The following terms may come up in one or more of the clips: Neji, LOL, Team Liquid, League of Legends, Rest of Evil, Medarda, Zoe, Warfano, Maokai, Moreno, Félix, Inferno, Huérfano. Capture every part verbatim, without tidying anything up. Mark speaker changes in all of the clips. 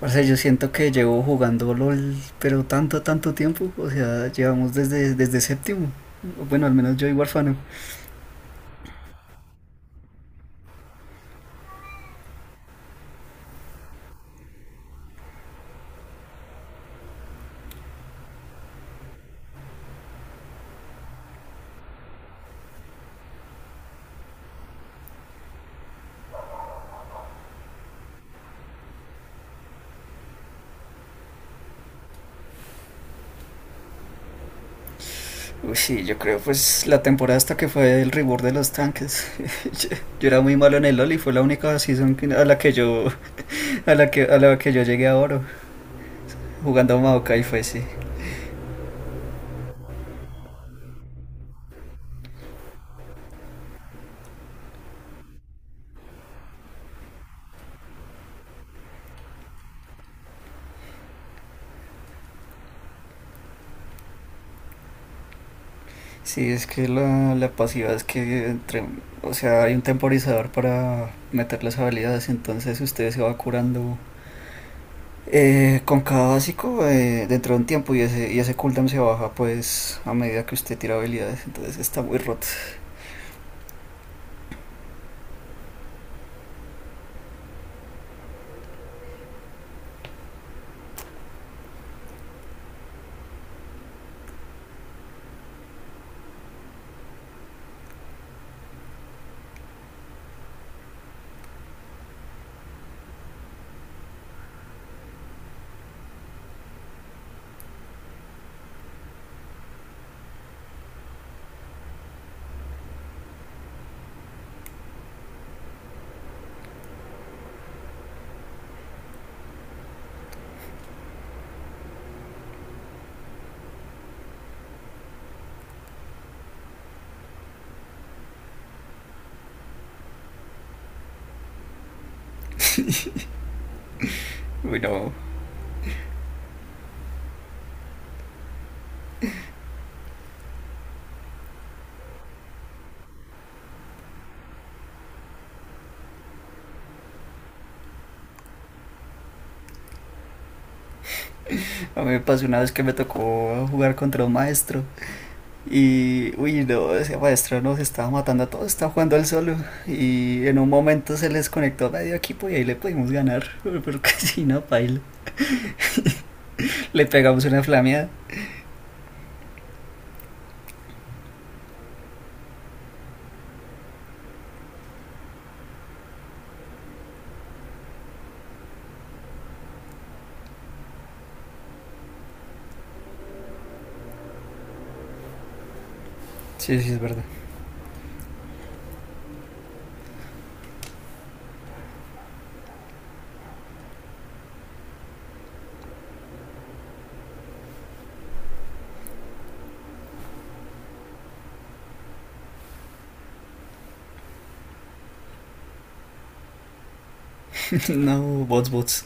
Speaker 1: O sea, yo siento que llevo jugando LOL, pero tanto, tanto tiempo. O sea, llevamos desde, desde séptimo. Bueno, al menos yo y Warfano. Uy, sí, yo creo pues la temporada hasta que fue el reward de los tanques. Yo, yo era muy malo en el LOL y fue la única season que, a la que yo a la que a la que yo llegué a oro jugando a Maokai fue sí. Sí, es que la, la pasiva es que entre, o sea, hay un temporizador para meter las habilidades, entonces usted se va curando. Eh, con cada básico, eh, dentro de un tiempo y ese, y ese cooldown se baja pues a medida que usted tira habilidades, entonces está muy roto. Uy, no. A mí me pasó una vez que me tocó jugar contra un maestro y, uy, no, ese maestro nos estaba matando a todos, estaba jugando él solo y en un momento se les conectó medio equipo y ahí le pudimos ganar, pero que si no, paila. Le pegamos una flameada. Sí, sí, es verdad. No, bots, bots.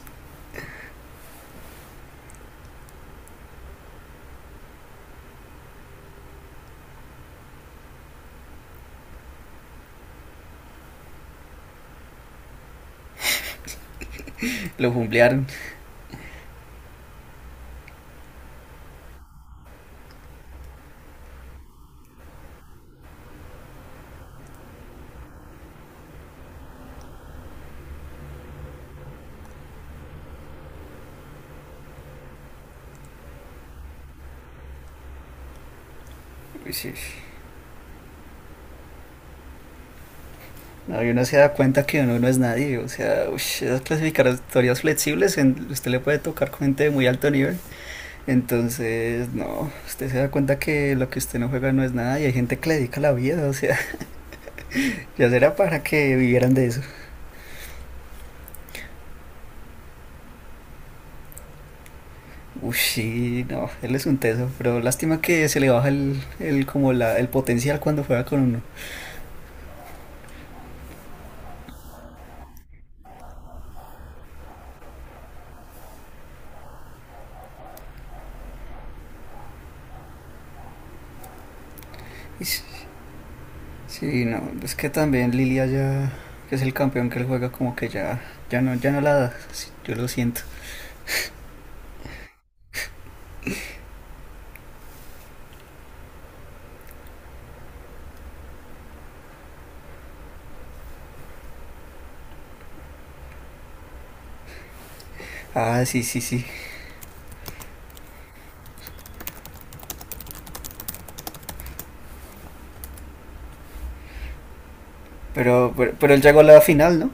Speaker 1: Lo jumblearon. Sí, sí. No, y uno se da cuenta que uno no es nadie. O sea, ush, esas clasificatorias flexibles, en- usted le puede tocar con gente de muy alto nivel. Entonces, no, usted se da cuenta que lo que usted no juega no es nada y hay gente que le dedica la vida. O sea, ya será para que vivieran de eso. Uy, sí, no, él es un teso. Pero lástima que se le baja el, el, como la, el potencial cuando juega con uno. Ish, sí, no, es que también Lilia ya, que es el campeón que él juega, como que ya, ya no, ya no la da. Sí, yo lo siento. Ah, sí, sí, sí. Pero, pero, pero él llegó a la final, ¿no?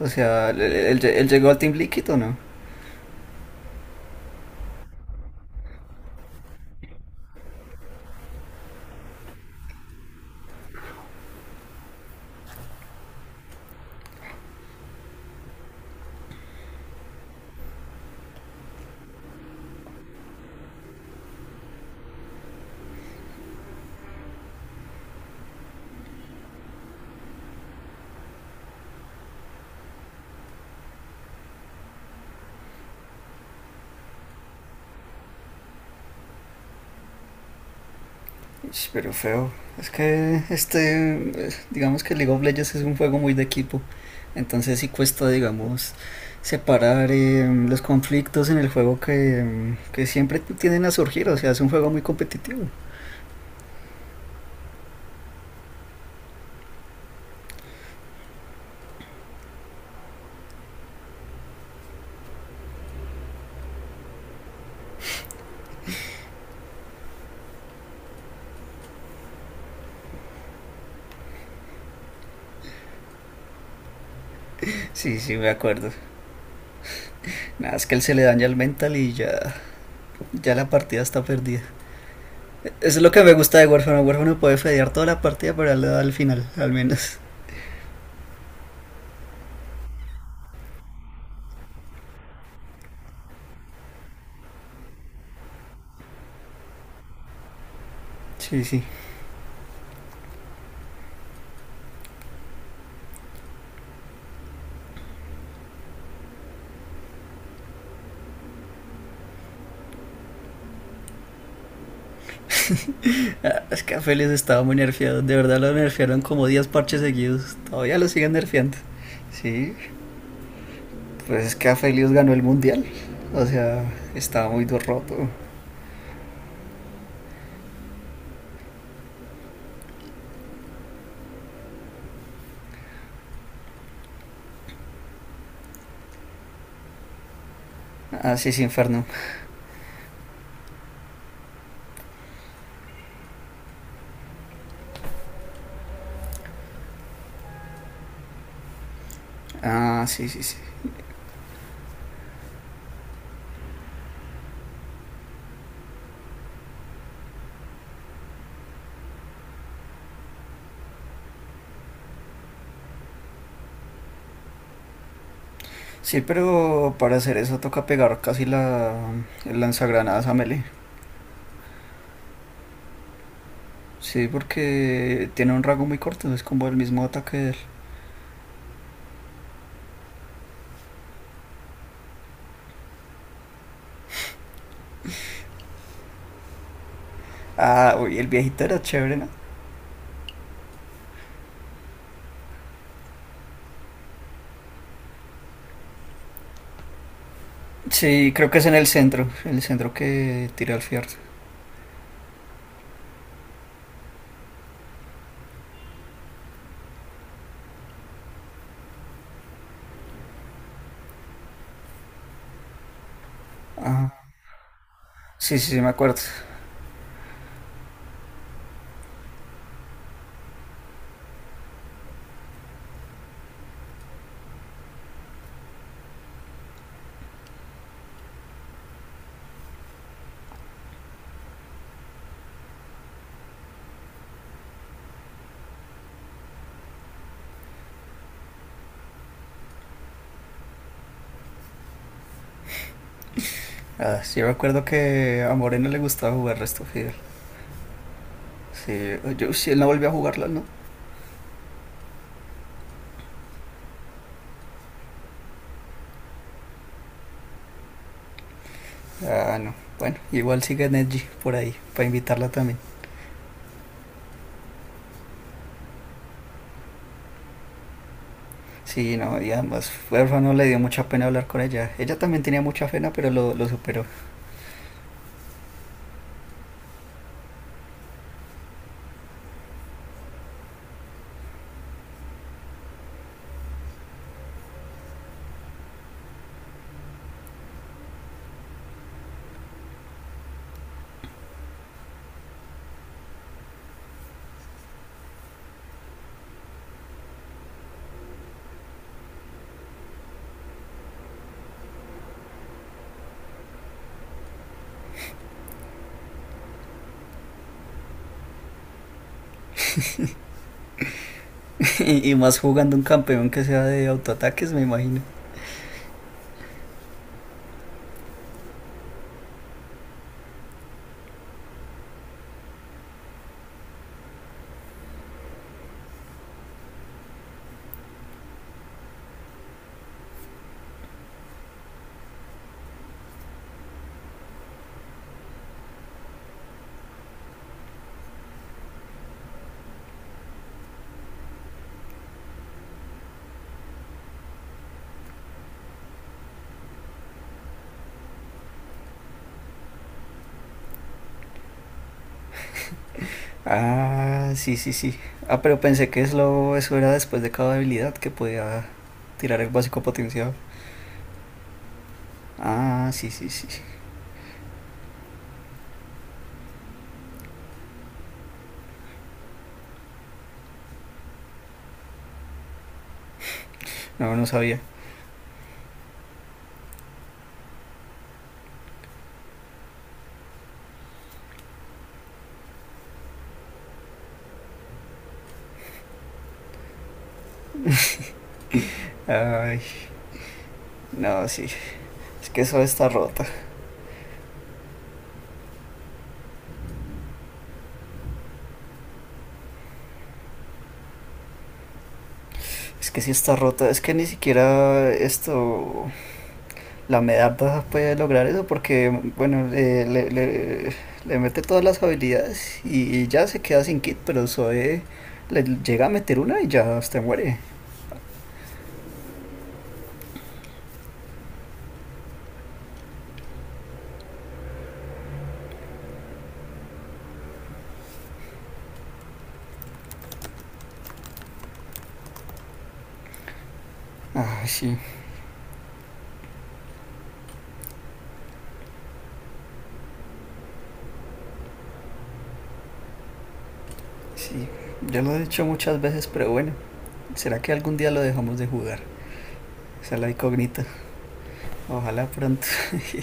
Speaker 1: O sea, él, él- él llegó al Team Liquid o no. Ish, pero feo. Es que este, eh, digamos que League of Legends es un juego muy de equipo. Entonces sí cuesta, digamos, separar eh, los conflictos en el juego que, em, que siempre tienden a surgir. O sea, es un juego muy competitivo. Sí, sí, me acuerdo. Nada, es que él se le daña el mental y ya, ya la partida está perdida. Eso es lo que me gusta de Warframe. Warframe puede fedear toda la partida, pero él le da al final, al menos. Sí, sí. Ah, es que a Félix estaba muy nerfeado, de verdad lo nerfearon como diez parches seguidos, todavía lo siguen nerfeando. Sí, pues es que a Félix ganó el mundial, o sea, estaba muy do- roto. Ah, sí, sí, Inferno. Ah, sí, sí, sí. Sí, pero para hacer eso toca pegar casi la, el lanzagranadas a melee. Sí, porque tiene un rango muy corto, es como el mismo ataque de él. Ah, uy, el viejito era chévere, ¿no? Sí, creo que es en el centro, en el centro que tira al fierro. Ah, sí, sí, sí, me acuerdo. Ah, sí, yo recuerdo que a Moreno le gustaba jugar Rest of Evil. Sí, yo, si él no volvió a jugarlo, ¿no? Ah, no. Bueno, igual sigue Neji por ahí, para invitarla también. Sí, no, y además Huérfano le dio mucha pena hablar con ella. Ella también tenía mucha pena, pero lo, lo superó. Y, y más jugando un campeón que sea de autoataques, me imagino. Ah, sí, sí, sí. Ah, pero pensé que eso, eso era después de cada habilidad que podía tirar el básico potenciado. Ah, sí, sí, sí. No, no sabía. Ay, no, sí. Es que eso está rota. Es que sí está rota. Es que ni siquiera esto, la Medarda puede lograr eso porque, bueno, eh, le, le, le mete todas las habilidades y, y ya se queda sin kit, pero Zoe le llega a meter una y ya hasta muere. Ah, sí, sí. Ya lo he dicho muchas veces, pero bueno, ¿será que algún día lo dejamos de jugar? Esa es la incógnita. Ojalá pronto.